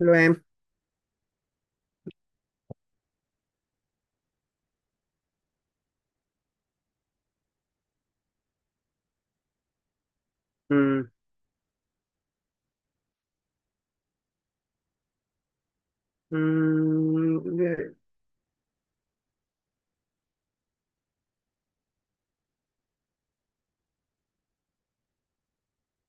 Hello em. Ừ, ừ,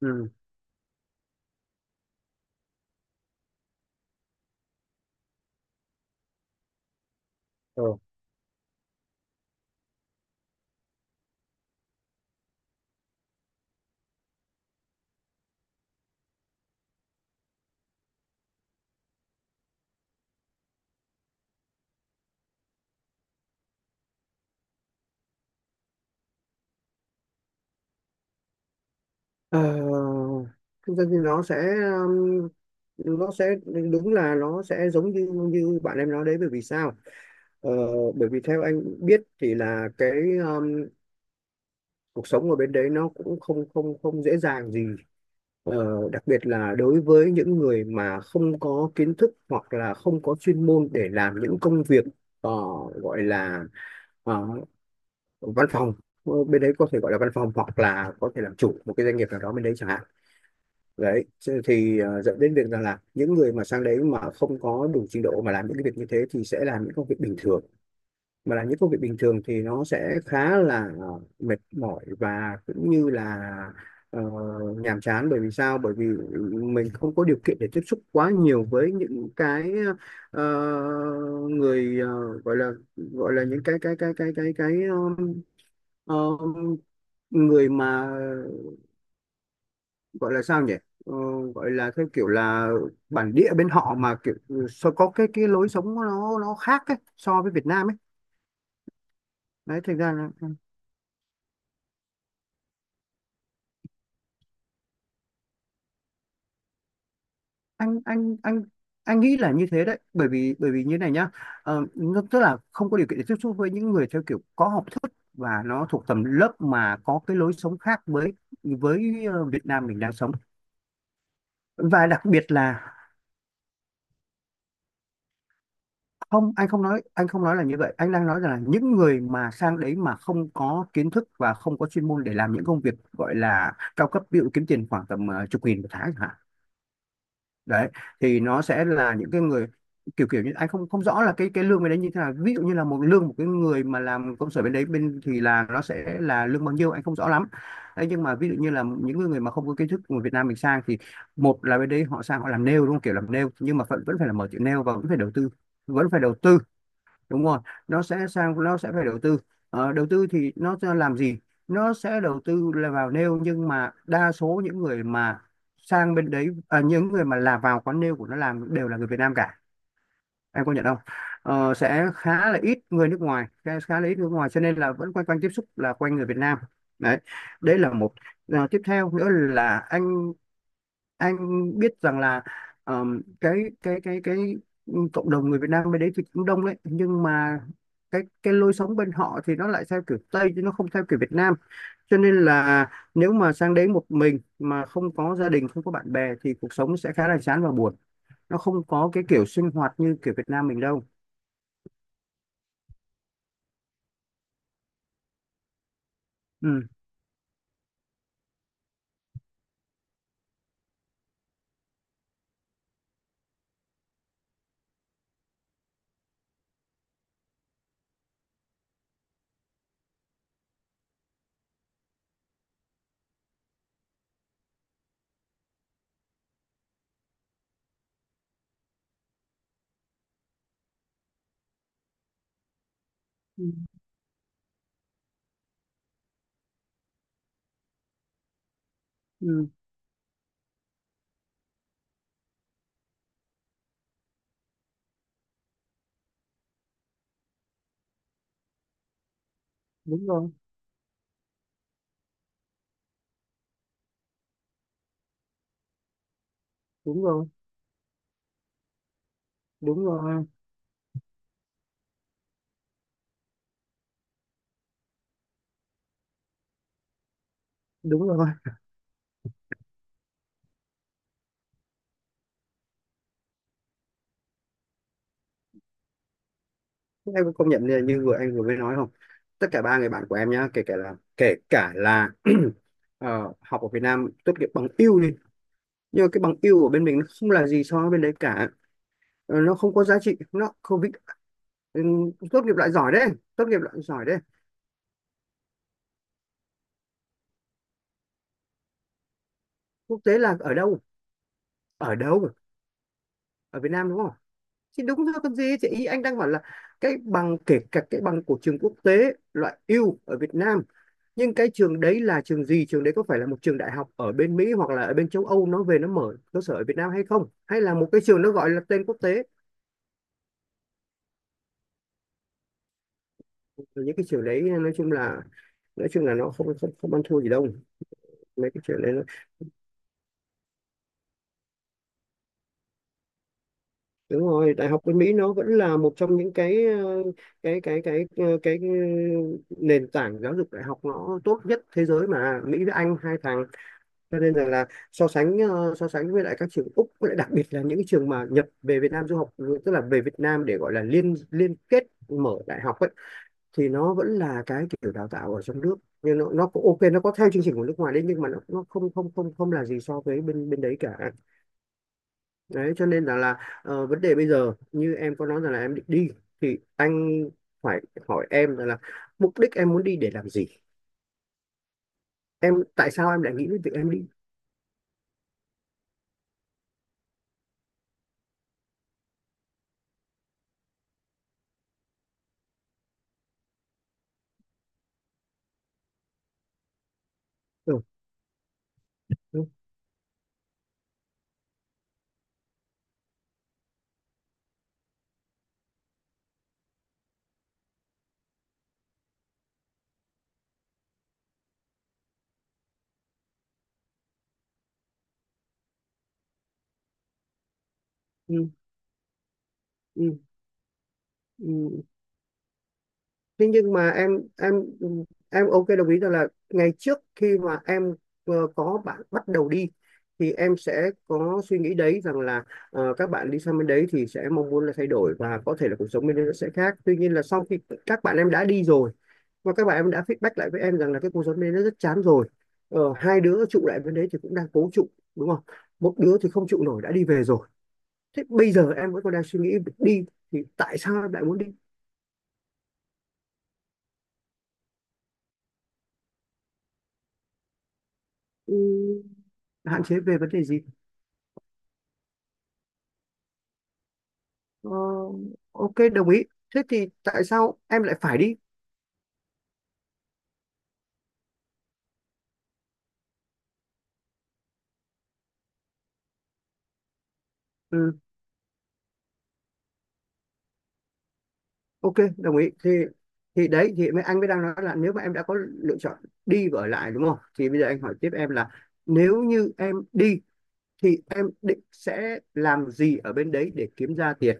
ừ, ờ. Ờ, thực ra thì um, nó sẽ đúng là nó sẽ giống như như bạn em nói đấy, bởi vì sao? Ờ, bởi vì theo anh biết thì là cái um, cuộc sống ở bên đấy nó cũng không không không dễ dàng gì. Ờ, đặc biệt là đối với những người mà không có kiến thức hoặc là không có chuyên môn để làm những công việc ờ, gọi là ờ, văn phòng. Ờ, bên đấy có thể gọi là văn phòng hoặc là có thể làm chủ một cái doanh nghiệp nào đó bên đấy chẳng hạn, đấy. Thế thì dẫn đến việc rằng là những người mà sang đấy mà không có đủ trình độ mà làm những cái việc như thế thì sẽ làm những công việc bình thường. Mà làm những công việc bình thường thì nó sẽ khá là mệt mỏi và cũng như là ờ, nhàm chán, bởi vì sao? Bởi vì mình không có điều kiện để tiếp xúc quá nhiều với những cái ờ, người, gọi là những cái um, người mà gọi là sao nhỉ? Ờ, gọi là theo kiểu là bản địa bên họ mà kiểu sao, có cái lối sống nó khác ấy, so với Việt Nam ấy, đấy. Thành ra là, ừ, anh anh anh anh nghĩ là như thế đấy, bởi vì như này nhá. Ờ, nó tức là không có điều kiện để tiếp xúc với những người theo kiểu có học thức và nó thuộc tầm lớp mà có cái lối sống khác với Việt Nam mình đang sống. Và đặc biệt là không, anh không nói là như vậy, anh đang nói rằng là những người mà sang đấy mà không có kiến thức và không có chuyên môn để làm những công việc gọi là cao cấp, ví dụ kiếm tiền khoảng tầm chục nghìn một tháng chẳng hạn, đấy. Thì nó sẽ là những cái người kiểu kiểu như anh không không rõ là cái lương bên đấy như thế nào, ví dụ như là một lương một cái người mà làm công sở bên đấy bên thì là nó sẽ là lương bao nhiêu anh không rõ lắm, đấy. Nhưng mà ví dụ như là những người mà không có kiến thức của Việt Nam mình sang thì, một là, bên đấy họ sang họ làm nail đúng không, kiểu làm nail nhưng mà vẫn vẫn phải là mở tiệm nail và vẫn phải đầu tư, vẫn phải đầu tư, đúng rồi. Nó sẽ sang nó sẽ phải đầu tư. Ờ, đầu tư thì nó sẽ làm gì? Nó sẽ đầu tư là vào nail, nhưng mà đa số những người mà sang bên đấy, à, những người mà là vào quán nail của nó làm đều là người Việt Nam cả, em có nhận không? Ờ, sẽ khá là ít người nước ngoài, khá, khá là ít người nước ngoài, cho nên là vẫn quanh quanh tiếp xúc là quanh người Việt Nam, đấy. Đấy là một. Ờ, tiếp theo nữa là anh biết rằng là ờm, cái cái cộng đồng người Việt Nam bên đấy thì cũng đông đấy, nhưng mà cái lối sống bên họ thì nó lại theo kiểu Tây chứ nó không theo kiểu Việt Nam, cho nên là nếu mà sang đấy một mình mà không có gia đình, không có bạn bè thì cuộc sống sẽ khá là chán và buồn. Nó không có cái kiểu sinh hoạt như kiểu Việt Nam mình đâu. Ừ. Ừ. Ừ. Đúng rồi, đúng rồi, đúng rồi, đúng rồi. Em có công nhận như, vừa anh vừa mới nói không? Tất cả ba người bạn của em nhá, kể cả là học ở Việt Nam tốt nghiệp bằng yêu đi, nhưng mà cái bằng yêu ở bên mình nó không là gì so với bên đấy cả. Ờ, nó không có giá trị, nó không vĩ, ừ, tốt nghiệp loại giỏi đấy, tốt nghiệp loại giỏi đấy. Quốc tế là ở đâu? Ở đâu? Ở Việt Nam đúng không? Thì đúng rồi còn gì. Thì ý anh đang bảo là cái bằng, kể cả cái bằng của trường quốc tế loại ưu ở Việt Nam. Nhưng cái trường đấy là trường gì? Trường đấy có phải là một trường đại học ở bên Mỹ hoặc là ở bên châu Âu nó về nó mở cơ sở ở Việt Nam hay không? Hay là một cái trường nó gọi là tên quốc tế? Rồi. Những cái trường đấy nói chung là, nó không không không ăn thua gì đâu. Mấy cái trường đấy nó, đúng rồi, đại học bên Mỹ nó vẫn là một trong những cái cái cái cái cái, cái ừ, nền tảng giáo dục đại học nó tốt nhất thế giới mà, Mỹ với Anh hai thằng. Cho nên rằng là so sánh, so sánh với lại các trường Úc với lại đặc biệt là những cái trường mà Nhật về Việt Nam du học, tức là về Việt Nam để gọi là liên liên kết mở đại học ấy, thì nó vẫn là cái kiểu đào tạo ở trong nước. Nhưng nó cũng ok, nó có theo chương trình của nước ngoài đấy, nhưng mà nó không không không không là gì so với bên bên đấy cả. Đấy cho nên là vấn đề bây giờ như em có nói rằng là em định đi, thì anh phải hỏi em rằng là mục đích em muốn đi để làm gì, em tại sao em lại nghĩ đến việc em đi. Ừ. Ừ. Ừ. Ừ. Ừ, ừ. Thế nhưng mà em em ok đồng ý rằng là ngày trước khi mà em có bạn bắt đầu đi, thì em sẽ có suy nghĩ đấy rằng là các bạn đi sang bên đấy thì sẽ mong muốn là thay đổi và có thể là cuộc sống bên đấy nó sẽ khác, tuy nhiên là sau khi các bạn em đã đi rồi và các bạn em đã feedback lại với em rằng là cái cuộc sống bên đấy nó rất chán rồi. Ờ, hai đứa trụ lại bên đấy thì cũng đang cố trụ, đúng không, một đứa thì không trụ nổi đã đi về rồi. Thế bây giờ em vẫn còn đang suy nghĩ đi, thì tại sao em lại muốn đi? Ừ, hạn chế về vấn đề gì? Ờ, ok đồng ý, thế thì tại sao em lại phải đi? Ừ, ok đồng ý thì, đấy thì mới anh mới đang nói là nếu mà em đã có lựa chọn đi và ở lại đúng không, thì bây giờ anh hỏi tiếp em là nếu như em đi thì em định sẽ làm gì ở bên đấy để kiếm ra tiền?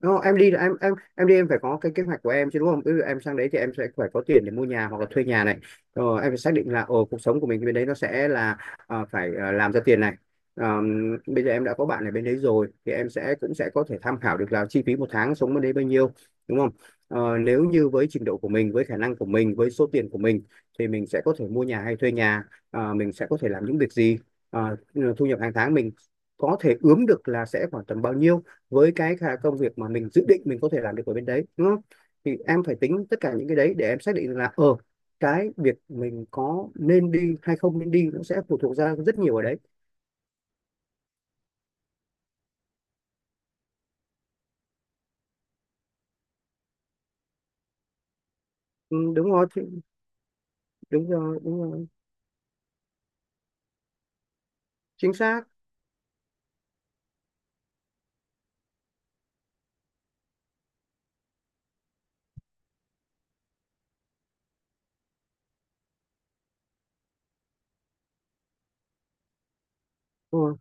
Đúng, em đi là em đi em phải có cái kế hoạch của em chứ, đúng không? Ví dụ em sang đấy thì em sẽ phải có tiền để mua nhà hoặc là thuê nhà này. Rồi em phải xác định là, ồ, cuộc sống của mình bên đấy nó sẽ là phải làm ra tiền này. Bây giờ em đã có bạn ở bên đấy rồi thì em sẽ cũng sẽ có thể tham khảo được là chi phí một tháng sống bên đấy bao nhiêu, đúng không? Ờ, nếu như với trình độ của mình, với khả năng của mình, với số tiền của mình thì mình sẽ có thể mua nhà hay thuê nhà, mình sẽ có thể làm những việc gì, Ờ, thu nhập hàng tháng mình có thể ướm được là sẽ khoảng tầm bao nhiêu với cái công việc mà mình dự định mình có thể làm được ở bên đấy, đúng không? Thì em phải tính tất cả những cái đấy để em xác định là cái việc mình có nên đi hay không nên đi nó sẽ phụ thuộc ra rất nhiều ở đấy. Ừ, đúng rồi, đúng rồi, đúng rồi. Chính xác. Ừ,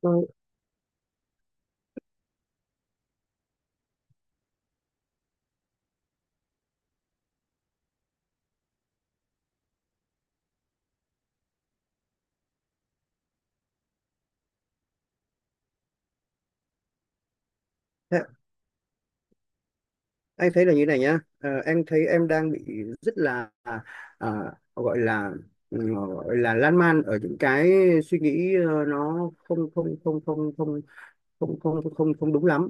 ừ. Thế- Anh thấy là như này nhá. Ờ, em thấy em đang bị rất là, à, gọi là, ừ, gọi là lan man ở những cái suy nghĩ nó không không không không không không không không không đúng lắm.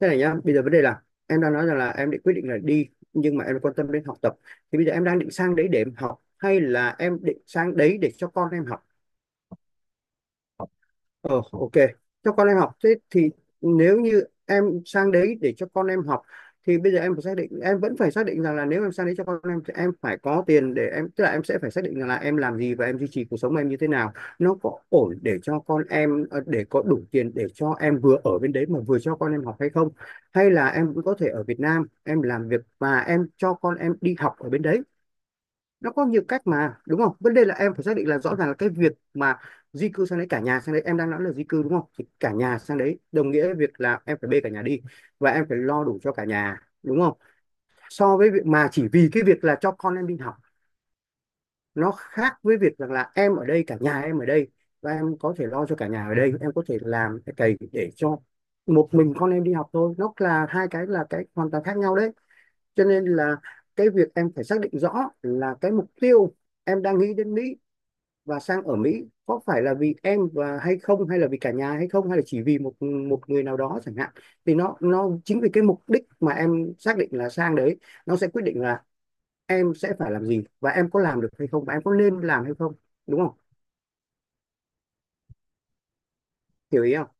Thế này nhá, bây giờ vấn đề là em đang nói rằng là em định quyết định là đi, nhưng mà em quan tâm đến học tập, thì bây giờ em đang định sang đấy để em học hay là em định sang đấy để cho con em học? Ờ, ok. Cho con em học. Thế thì, nếu như em sang đấy để cho con em học, thì bây giờ em phải xác định, em vẫn phải xác định rằng là nếu em sang đấy cho con em thì em phải có tiền để em, tức là em sẽ phải xác định rằng là em làm gì và em duy trì cuộc sống em như thế nào, nó có ổn để cho con em, để có đủ tiền để cho em vừa ở bên đấy mà vừa cho con em học hay không, hay là em cũng có thể ở Việt Nam em làm việc và em cho con em đi học ở bên đấy. Nó có nhiều cách mà, đúng không? Vấn đề là em phải xác định là rõ ràng là cái việc mà di cư sang đấy, cả nhà sang đấy, em đang nói là di cư đúng không, thì cả nhà sang đấy đồng nghĩa với việc là em phải bê cả nhà đi và em phải lo đủ cho cả nhà, đúng không, so với việc mà chỉ vì cái việc là cho con em đi học, nó khác với việc rằng là em ở đây, cả nhà em ở đây, và em có thể lo cho cả nhà ở đây, em có thể làm cái cày để cho một mình con em đi học thôi, nó là hai cái, là cái hoàn toàn khác nhau đấy. Cho nên là cái việc em phải xác định rõ là cái mục tiêu em đang nghĩ đến Mỹ và sang ở Mỹ có phải là vì em và hay không, hay là vì cả nhà hay không, hay là chỉ vì một một người nào đó chẳng hạn, thì nó chính vì cái mục đích mà em xác định là sang đấy, nó sẽ quyết định là em sẽ phải làm gì và em có làm được hay không và em có nên làm hay không, đúng không? Hiểu ý không?